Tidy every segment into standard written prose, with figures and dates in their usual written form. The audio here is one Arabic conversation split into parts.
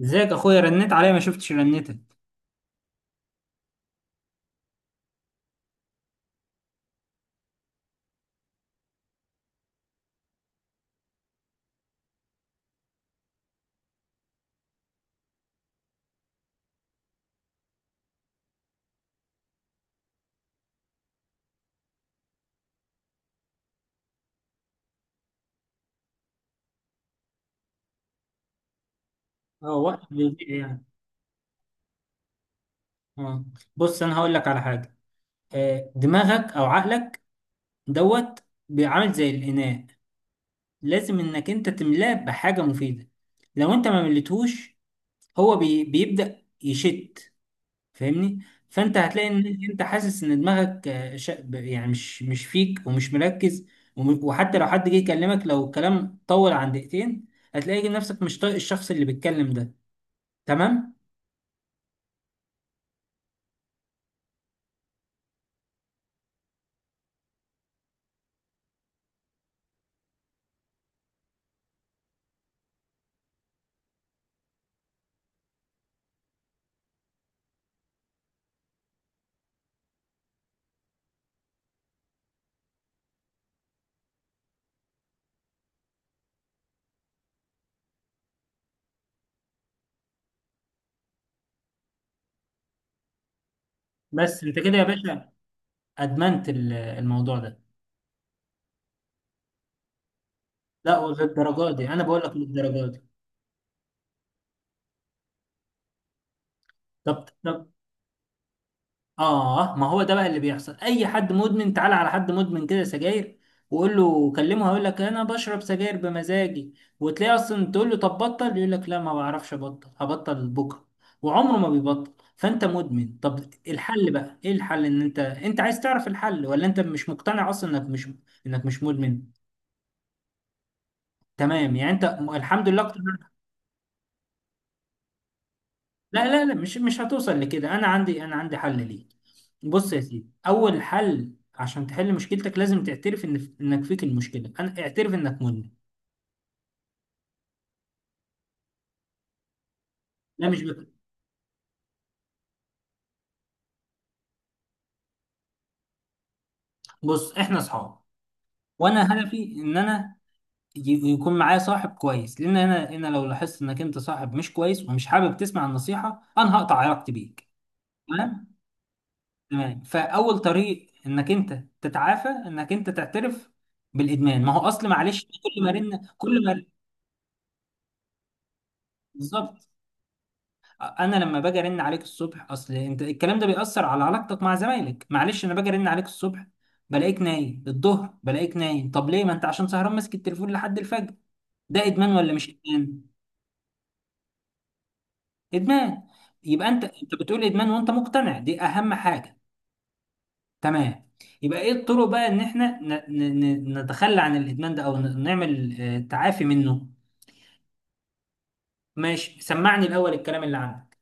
ازيك اخويا رنيت عليا ما شفتش رنتك. اه، وقت بيضيع يعني. اه، بص انا هقول لك على حاجه. دماغك او عقلك دوت بيعمل زي الاناء. لازم انك انت تملاه بحاجه مفيده. لو انت ما مليتهوش، هو بيبدا يشت. فاهمني؟ فانت هتلاقي ان انت حاسس ان دماغك، يعني مش فيك ومش مركز. وحتى لو حد جه يكلمك، لو الكلام طول عن دقيقتين هتلاقي نفسك مش طايق الشخص اللي بيتكلم ده. تمام؟ بس انت كده يا باشا ادمنت الموضوع ده. لا للدرجه دي، انا بقول لك للدرجه دي. طب، اه ما هو ده بقى اللي بيحصل. اي حد مدمن، تعال على حد مدمن كده سجاير وقول له كلمه هيقول لك انا بشرب سجاير بمزاجي. وتلاقي اصلا تقول له طب بطل يقول لك لا ما بعرفش ابطل، هبطل بكره، وعمره ما بيبطل. فانت مدمن. طب الحل بقى ايه؟ الحل ان انت، انت عايز تعرف الحل ولا انت مش مقتنع اصلا انك مش، انك مش مدمن؟ تمام، يعني انت الحمد لله اقتنعت. لا لا لا، مش هتوصل لكده. انا عندي حل ليك. بص يا سيدي، اول حل عشان تحل مشكلتك لازم تعترف ان انك فيك المشكله. انا اعترف انك مدمن. لا مش بك. بص احنا اصحاب، وانا هدفي ان انا يكون معايا صاحب كويس. لان انا لو لاحظت انك انت صاحب مش كويس ومش حابب تسمع النصيحه انا هقطع علاقتي بيك. تمام. تمام، فاول طريق انك انت تتعافى انك انت تعترف بالادمان. ما هو اصل معلش، كل ما رن كل ما بالظبط. انا لما باجي ارن عليك الصبح، اصل انت الكلام ده بيأثر على علاقتك مع زمايلك. معلش انا باجي ارن عليك الصبح بلاقيك نايم، الظهر بلاقيك نايم. طب ليه؟ ما انت عشان سهران ماسك التليفون لحد الفجر. ده ادمان ولا مش ادمان؟ ادمان. يبقى انت، انت بتقول ادمان وانت مقتنع، دي اهم حاجة. تمام. يبقى ايه الطرق بقى ان احنا ن... ن... نتخلى عن الادمان ده، او نعمل تعافي منه. ماشي، سمعني الاول الكلام اللي عندك.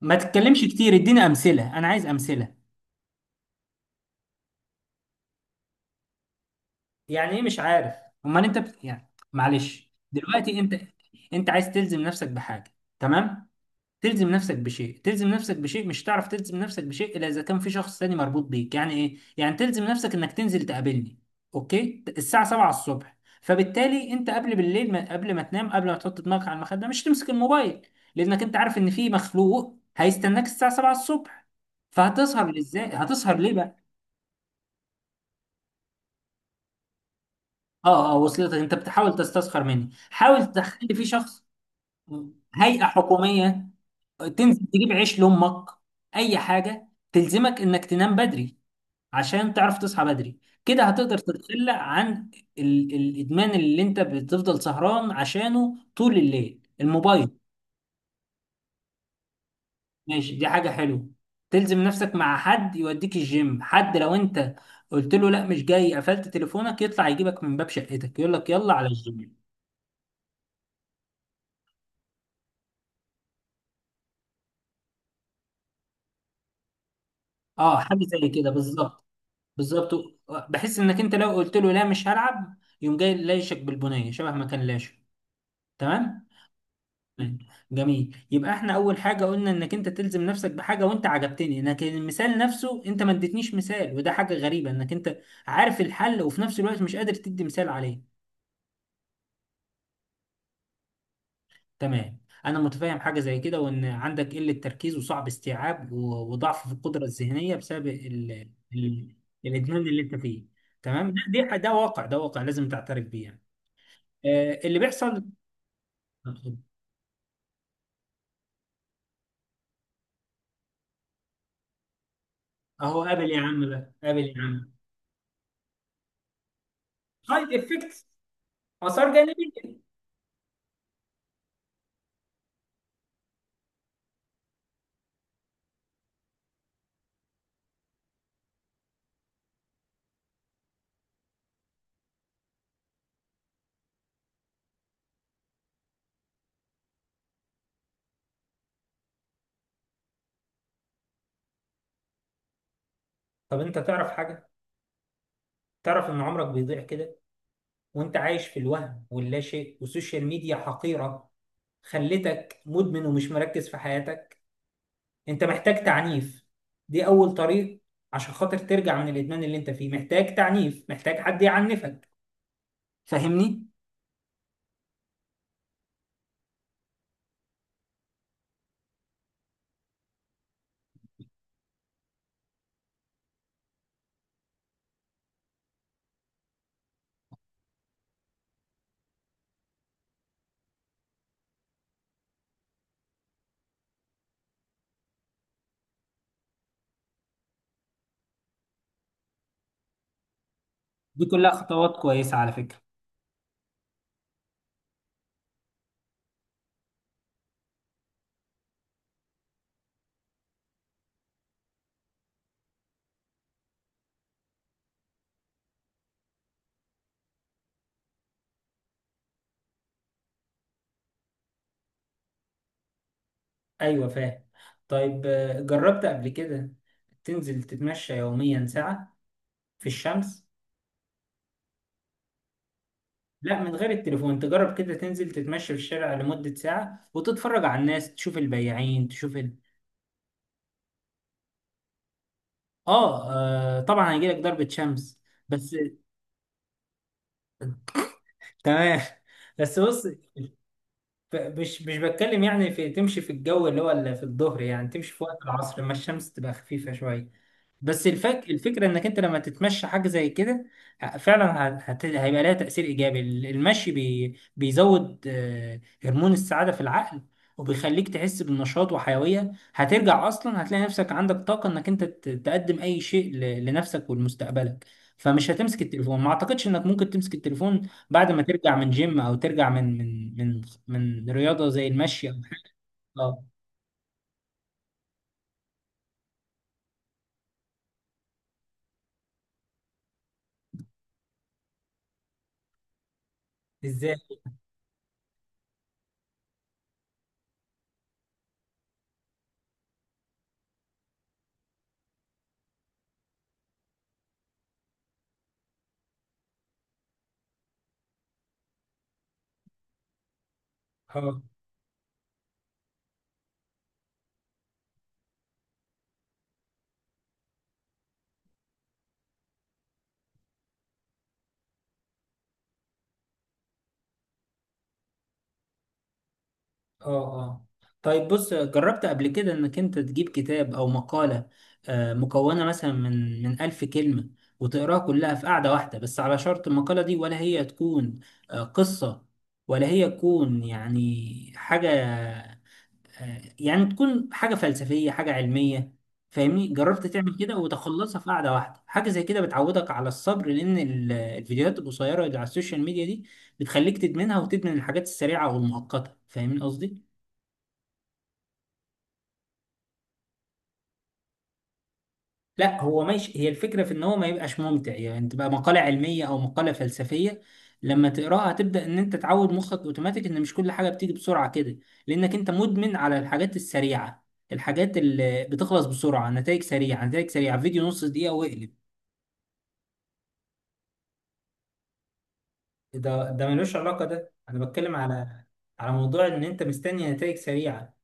ما تتكلمش كتير، اديني امثلة. انا عايز امثلة. يعني ايه مش عارف؟ امال انت بت... يعني معلش دلوقتي انت، انت عايز تلزم نفسك بحاجه. تمام. تلزم نفسك بشيء، تلزم نفسك بشيء، مش تعرف تلزم نفسك بشيء الا اذا كان في شخص تاني مربوط بيك. يعني ايه؟ يعني تلزم نفسك انك تنزل تقابلني اوكي الساعه 7 الصبح. فبالتالي انت قبل بالليل ما... قبل ما تنام، قبل ما تحط دماغك على المخده مش تمسك الموبايل، لانك انت عارف ان في مخلوق هيستناك الساعه 7 الصبح. فهتسهر ازاي؟ هتسهر ليه؟ اه اه، وصلتك. انت بتحاول تستسخر مني. حاول تخلي في شخص، هيئة حكومية، تنزل تجيب عيش لأمك، أي حاجة تلزمك إنك تنام بدري عشان تعرف تصحى بدري. كده هتقدر تتخلى عن الإدمان اللي أنت بتفضل سهران عشانه طول الليل الموبايل. ماشي، دي حاجة حلوة. تلزم نفسك مع حد يوديك الجيم، حد لو أنت قلت له لا مش جاي قفلت تليفونك يطلع يجيبك من باب شقتك يقول لك يلا على الجيم. اه، حاجة زي كده بالظبط. بالظبط. بحس انك انت لو قلت له لا مش هلعب يقوم جاي لايشك بالبنيه شبه ما كان لاشك. تمام. جميل. يبقى احنا اول حاجه قلنا انك انت تلزم نفسك بحاجه، وانت عجبتني، لكن المثال نفسه انت ما اديتنيش مثال. وده حاجه غريبه انك انت عارف الحل وفي نفس الوقت مش قادر تدي مثال عليه. تمام، انا متفاهم. حاجه زي كده، وان عندك قله تركيز وصعب استيعاب وضعف في القدره الذهنيه بسبب ال... ال... الادمان اللي انت فيه. تمام، ده واقع، ده واقع، لازم تعترف بيه يعني. اللي بيحصل. اهو قابل يا عم بقى، قابل يا عم. سايد افكتس، اثار جانبيه. طب انت تعرف حاجه؟ تعرف ان عمرك بيضيع كده وانت عايش في الوهم واللا شيء؟ والسوشيال ميديا حقيره، خلتك مدمن ومش مركز في حياتك. انت محتاج تعنيف، دي اول طريق. عشان خاطر ترجع من الادمان اللي انت فيه محتاج تعنيف، محتاج حد يعنفك. فاهمني؟ دي كلها خطوات كويسه على فكره. ايوه فاهم. طيب جربت قبل كده تنزل تتمشى يوميا ساعة في الشمس؟ لا من غير التليفون. تجرب كده تنزل تتمشى في الشارع لمدة ساعة وتتفرج على الناس، تشوف البياعين، تشوف ال... آه. اه طبعا هيجيلك ضربة شمس، بس تمام. بس بص، مش بتكلم يعني في تمشي في الجو اللي هو اللي في الظهر، يعني تمشي في وقت العصر لما الشمس تبقى خفيفة شوية. بس الفك... الفكرة انك انت لما تتمشى حاجة زي كده فعلا هت... هيبقى لها تأثير ايجابي. المشي بي... بيزود هرمون السعادة في العقل، وبيخليك تحس بالنشاط وحيوية. هترجع اصلا هتلاقي نفسك عندك طاقة انك انت تقدم اي شيء ل... لنفسك ولمستقبلك. فمش هتمسك التليفون. ما اعتقدش انك ممكن تمسك التليفون بعد ما ترجع من جيم او ترجع من من من رياضة زي المشي او حاجة. اه، ازاي؟ اه اه اه. طيب بص، جربت قبل كده انك انت تجيب كتاب او مقالة مكونة مثلا من ألف كلمة وتقراها كلها في قعدة واحدة؟ بس على شرط المقالة دي، ولا هي تكون قصة، ولا هي تكون يعني حاجة، يعني تكون حاجة فلسفية، حاجة علمية. فاهمني؟ جربت تعمل كده وتخلصها في قعدة واحدة؟ حاجة زي كده بتعودك على الصبر، لأن الفيديوهات القصيرة اللي على السوشيال ميديا دي بتخليك تدمنها وتدمن الحاجات السريعة والمؤقتة. فاهمين قصدي؟ لا هو ماشي، هي الفكرة في ان هو ما يبقاش ممتع، يعني تبقى مقالة علمية او مقالة فلسفية. لما تقراها تبدأ ان انت تعود مخك اوتوماتيك ان مش كل حاجة بتيجي بسرعة كده، لانك انت مدمن على الحاجات السريعة، الحاجات اللي بتخلص بسرعة، نتائج سريعة، نتائج سريعة، فيديو نص دقيقة واقلب. ده ملوش علاقة، ده انا بتكلم على، على موضوع ان انت مستني نتائج سريعة.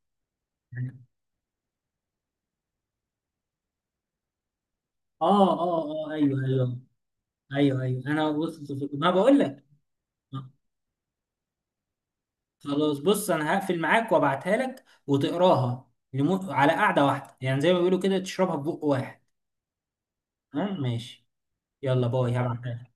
اه اه اه. ايوه ايوه ايوه ايوه، انا وصلت ما بقول لك. خلاص بص، انا هقفل معاك وابعتها لك وتقراها لمو... على قعدة واحدة، يعني زي ما بيقولوا كده تشربها في بق واحد. تمام، ماشي. يلا باي، هبعتها لك.